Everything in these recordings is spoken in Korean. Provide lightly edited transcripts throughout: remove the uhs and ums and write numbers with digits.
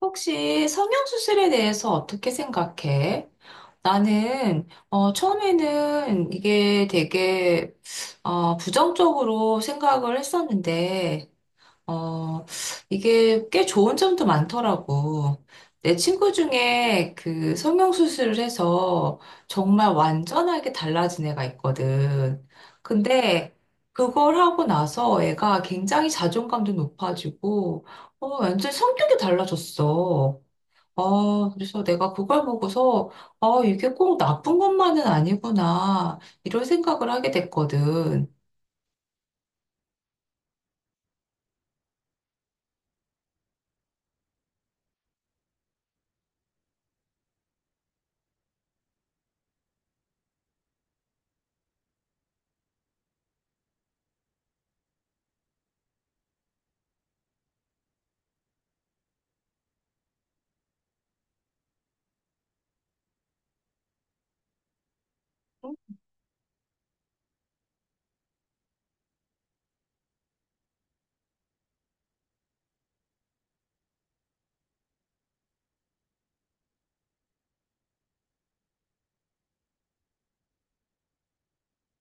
혹시 성형수술에 대해서 어떻게 생각해? 나는, 처음에는 이게 되게, 부정적으로 생각을 했었는데, 어, 이게 꽤 좋은 점도 많더라고. 내 친구 중에 그 성형수술을 해서 정말 완전하게 달라진 애가 있거든. 근데 그걸 하고 나서 애가 굉장히 자존감도 높아지고, 완전 성격이 달라졌어. 그래서 내가 그걸 보고서, 이게 꼭 나쁜 것만은 아니구나, 이런 생각을 하게 됐거든.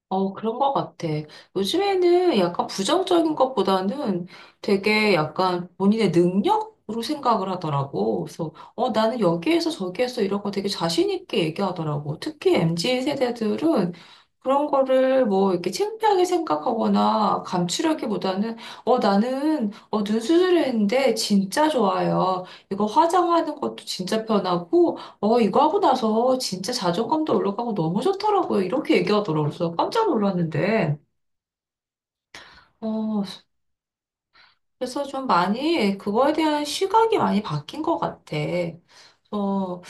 그런 것 같아. 요즘에는 약간 부정적인 것보다는 되게 약간 본인의 능력으로 생각을 하더라고. 그래서, 나는 여기에서 저기에서 이런 거 되게 자신 있게 얘기하더라고. 특히 MZ 세대들은 그런 거를 뭐 이렇게 창피하게 생각하거나 감추려기보다는, 나는, 눈 수술했는데 진짜 좋아요. 이거 화장하는 것도 진짜 편하고, 이거 하고 나서 진짜 자존감도 올라가고 너무 좋더라고요. 이렇게 얘기하더라고요. 그래서 깜짝 놀랐는데. 어, 그래서 좀 많이 그거에 대한 시각이 많이 바뀐 것 같아. 그래서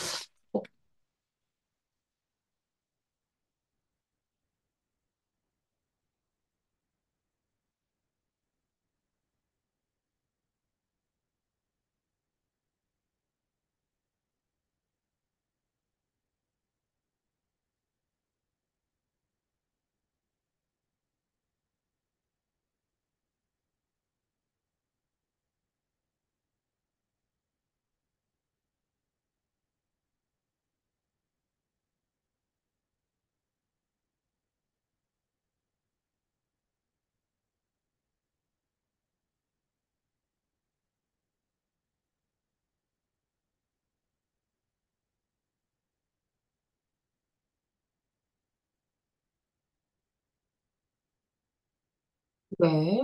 네.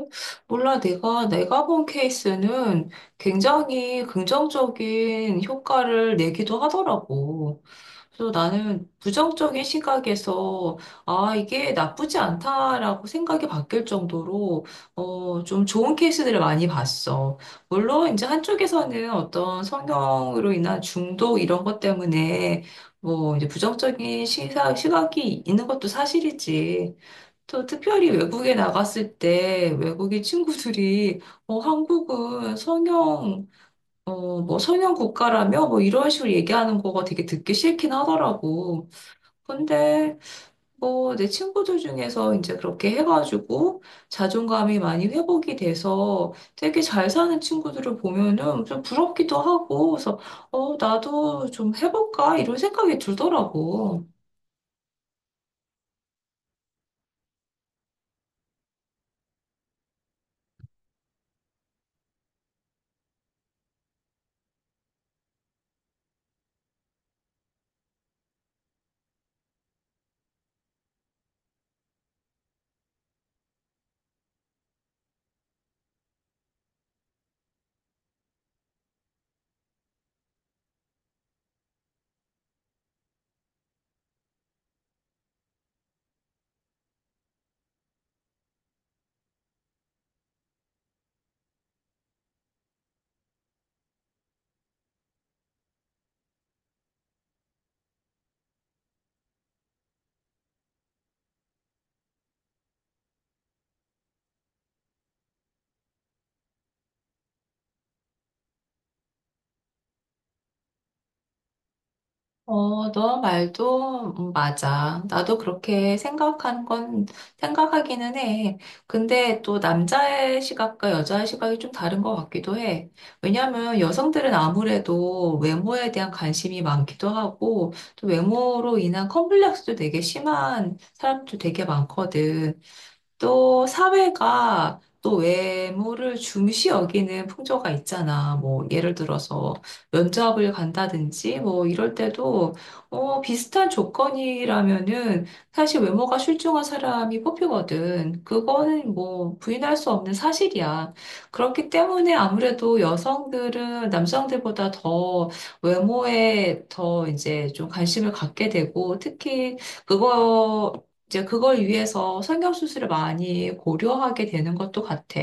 몰라, 내가 본 케이스는 굉장히 긍정적인 효과를 내기도 하더라고. 그래서 나는 부정적인 시각에서, 아, 이게 나쁘지 않다라고 생각이 바뀔 정도로, 좀 좋은 케이스들을 많이 봤어. 물론, 이제 한쪽에서는 어떤 성형으로 인한 중독 이런 것 때문에, 뭐, 이제 부정적인 시각이 있는 것도 사실이지. 또 특별히 외국에 나갔을 때 외국인 친구들이 한국은 성형 국가라며 뭐 이런 식으로 얘기하는 거가 되게 듣기 싫긴 하더라고. 근데 뭐 내 친구들 중에서 이제 그렇게 해가지고 자존감이 많이 회복이 돼서 되게 잘 사는 친구들을 보면은 좀 부럽기도 하고 그래서 나도 좀 해볼까 이런 생각이 들더라고. 너 말도 맞아. 나도 그렇게 생각한 건 생각하기는 해. 근데 또 남자의 시각과 여자의 시각이 좀 다른 것 같기도 해. 왜냐하면 여성들은 아무래도 외모에 대한 관심이 많기도 하고 또 외모로 인한 컴플렉스도 되게 심한 사람도 되게 많거든. 또 사회가 또 외모를 중시 여기는 풍조가 있잖아. 뭐 예를 들어서 면접을 간다든지 뭐 이럴 때도 비슷한 조건이라면은 사실 외모가 출중한 사람이 뽑히거든. 그거는 뭐 부인할 수 없는 사실이야. 그렇기 때문에 아무래도 여성들은 남성들보다 더 외모에 더 이제 좀 관심을 갖게 되고 특히 그거 이제 그걸 위해서 성형수술을 많이 고려하게 되는 것도 같아.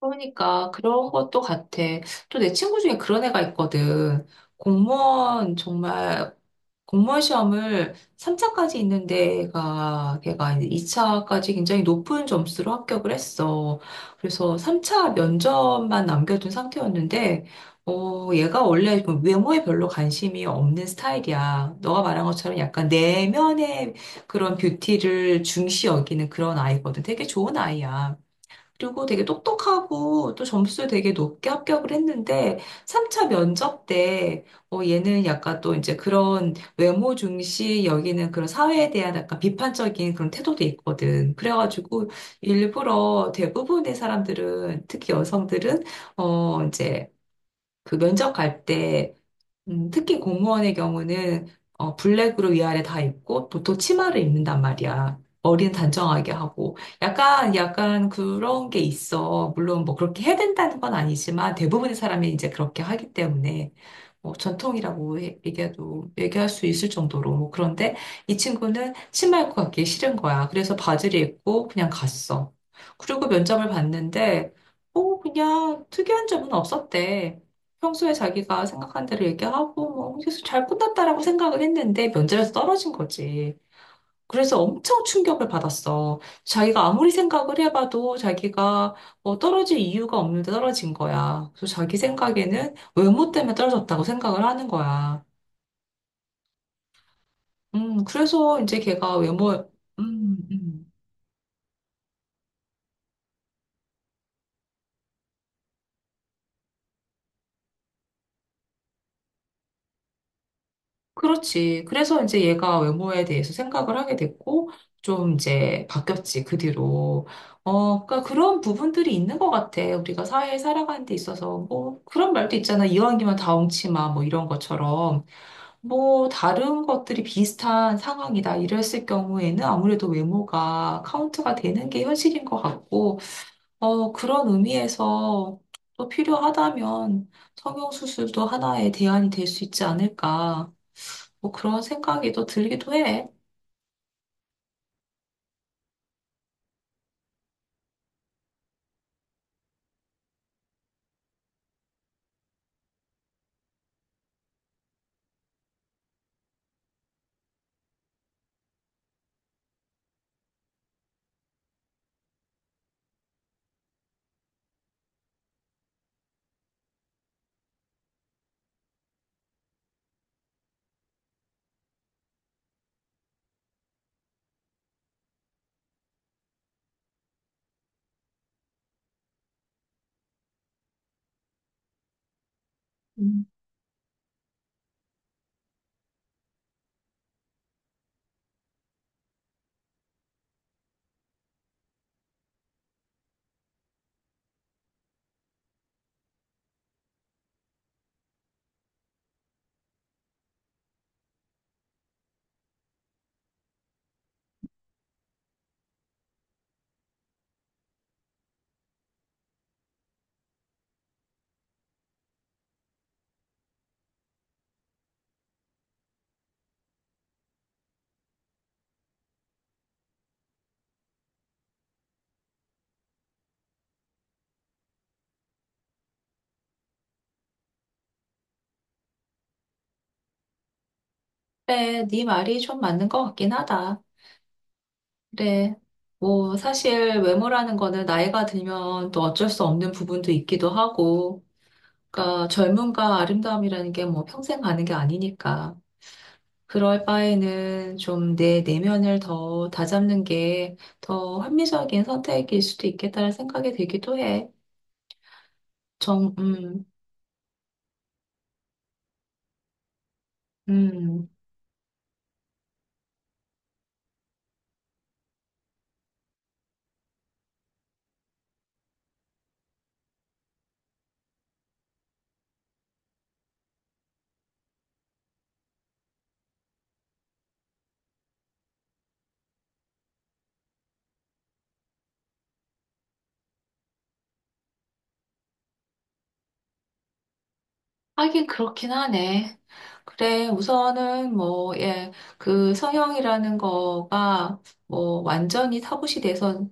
그러니까 그런 것도 같아. 또 내 친구 중에 그런 애가 있거든. 공무원 정말 공무원 시험을 3차까지 있는 데가 걔가 2차까지 굉장히 높은 점수로 합격을 했어. 그래서 3차 면접만 남겨둔 상태였는데 얘가 원래 그 외모에 별로 관심이 없는 스타일이야. 너가 말한 것처럼 약간 내면의 그런 뷰티를 중시 여기는 그런 아이거든. 되게 좋은 아이야. 그리고 되게 똑똑하고 또 점수 되게 높게 합격을 했는데 3차 면접 때 얘는 약간 또 이제 그런 외모 중시 여기는 그런 사회에 대한 약간 비판적인 그런 태도도 있거든. 그래가지고 일부러 대부분의 사람들은 특히 여성들은 이제 그 면접 갈때 특히 공무원의 경우는 블랙으로 위아래 다 입고 보통 치마를 입는단 말이야. 머리는 단정하게 하고 약간 그런 게 있어. 물론 뭐 그렇게 해야 된다는 건 아니지만 대부분의 사람이 이제 그렇게 하기 때문에 뭐 전통이라고 얘기해도 얘기할 수 있을 정도로 뭐 그런데 이 친구는 치마 입고 가기 싫은 거야. 그래서 바지를 입고 그냥 갔어. 그리고 면접을 봤는데 그냥 특이한 점은 없었대. 평소에 자기가 생각한 대로 얘기하고, 뭐, 그래서 잘 끝났다라고 생각을 했는데 면접에서 떨어진 거지. 그래서 엄청 충격을 받았어. 자기가 아무리 생각을 해봐도 자기가 떨어질 이유가 없는데 떨어진 거야. 그래서 자기 생각에는 외모 때문에 떨어졌다고 생각을 하는 거야. 그래서 이제 걔가 외모, 음, 음. 그렇지. 그래서 이제 얘가 외모에 대해서 생각을 하게 됐고, 좀 이제 바뀌었지, 그 뒤로. 그러니까 그런 부분들이 있는 것 같아. 우리가 사회에 살아가는 데 있어서. 뭐, 그런 말도 있잖아. 이왕이면 다 엉치마, 뭐 이런 것처럼. 뭐, 다른 것들이 비슷한 상황이다. 이랬을 경우에는 아무래도 외모가 카운트가 되는 게 현실인 것 같고, 그런 의미에서 또 필요하다면 성형수술도 하나의 대안이 될 수 있지 않을까. 뭐 그런 생각이 또 들기도 해. 음, 그래, 네 말이 좀 맞는 것 같긴 하다. 그래, 뭐 사실 외모라는 거는 나이가 들면 또 어쩔 수 없는 부분도 있기도 하고, 그러니까 젊음과 아름다움이라는 게 뭐 평생 가는 게 아니니까. 그럴 바에는 좀 내 내면을 더 다잡는 게 더 합리적인 선택일 수도 있겠다는 생각이 들기도 해. 정, 음, 음. 하긴 그렇긴 하네. 그래, 우선은 뭐, 예, 그 성형이라는 거가 뭐 완전히 타부시 돼서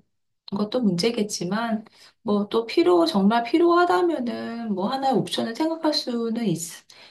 것도 문제겠지만, 뭐 또 정말 필요하다면은 뭐 하나의 옵션을 생각할 수는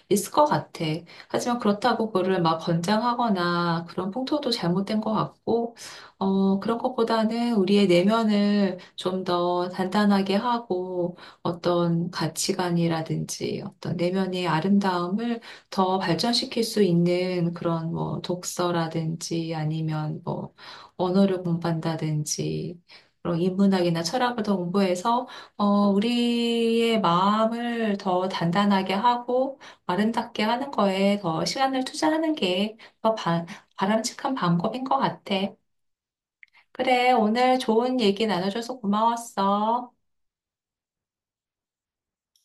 있을 것 같아. 하지만 그렇다고 그거를 막 권장하거나 그런 풍토도 잘못된 것 같고, 그런 것보다는 우리의 내면을 좀 더 단단하게 하고 어떤 가치관이라든지 어떤 내면의 아름다움을 더 발전시킬 수 있는 그런 뭐 독서라든지 아니면 뭐 언어를 공부한다든지 그런 인문학이나 철학을 더 공부해서 어, 우리의 마음을 더 단단하게 하고 아름답게 하는 거에 더 시간을 투자하는 게 더 바람직한 방법인 것 같아. 그래, 오늘 좋은 얘기 나눠줘서 고마웠어.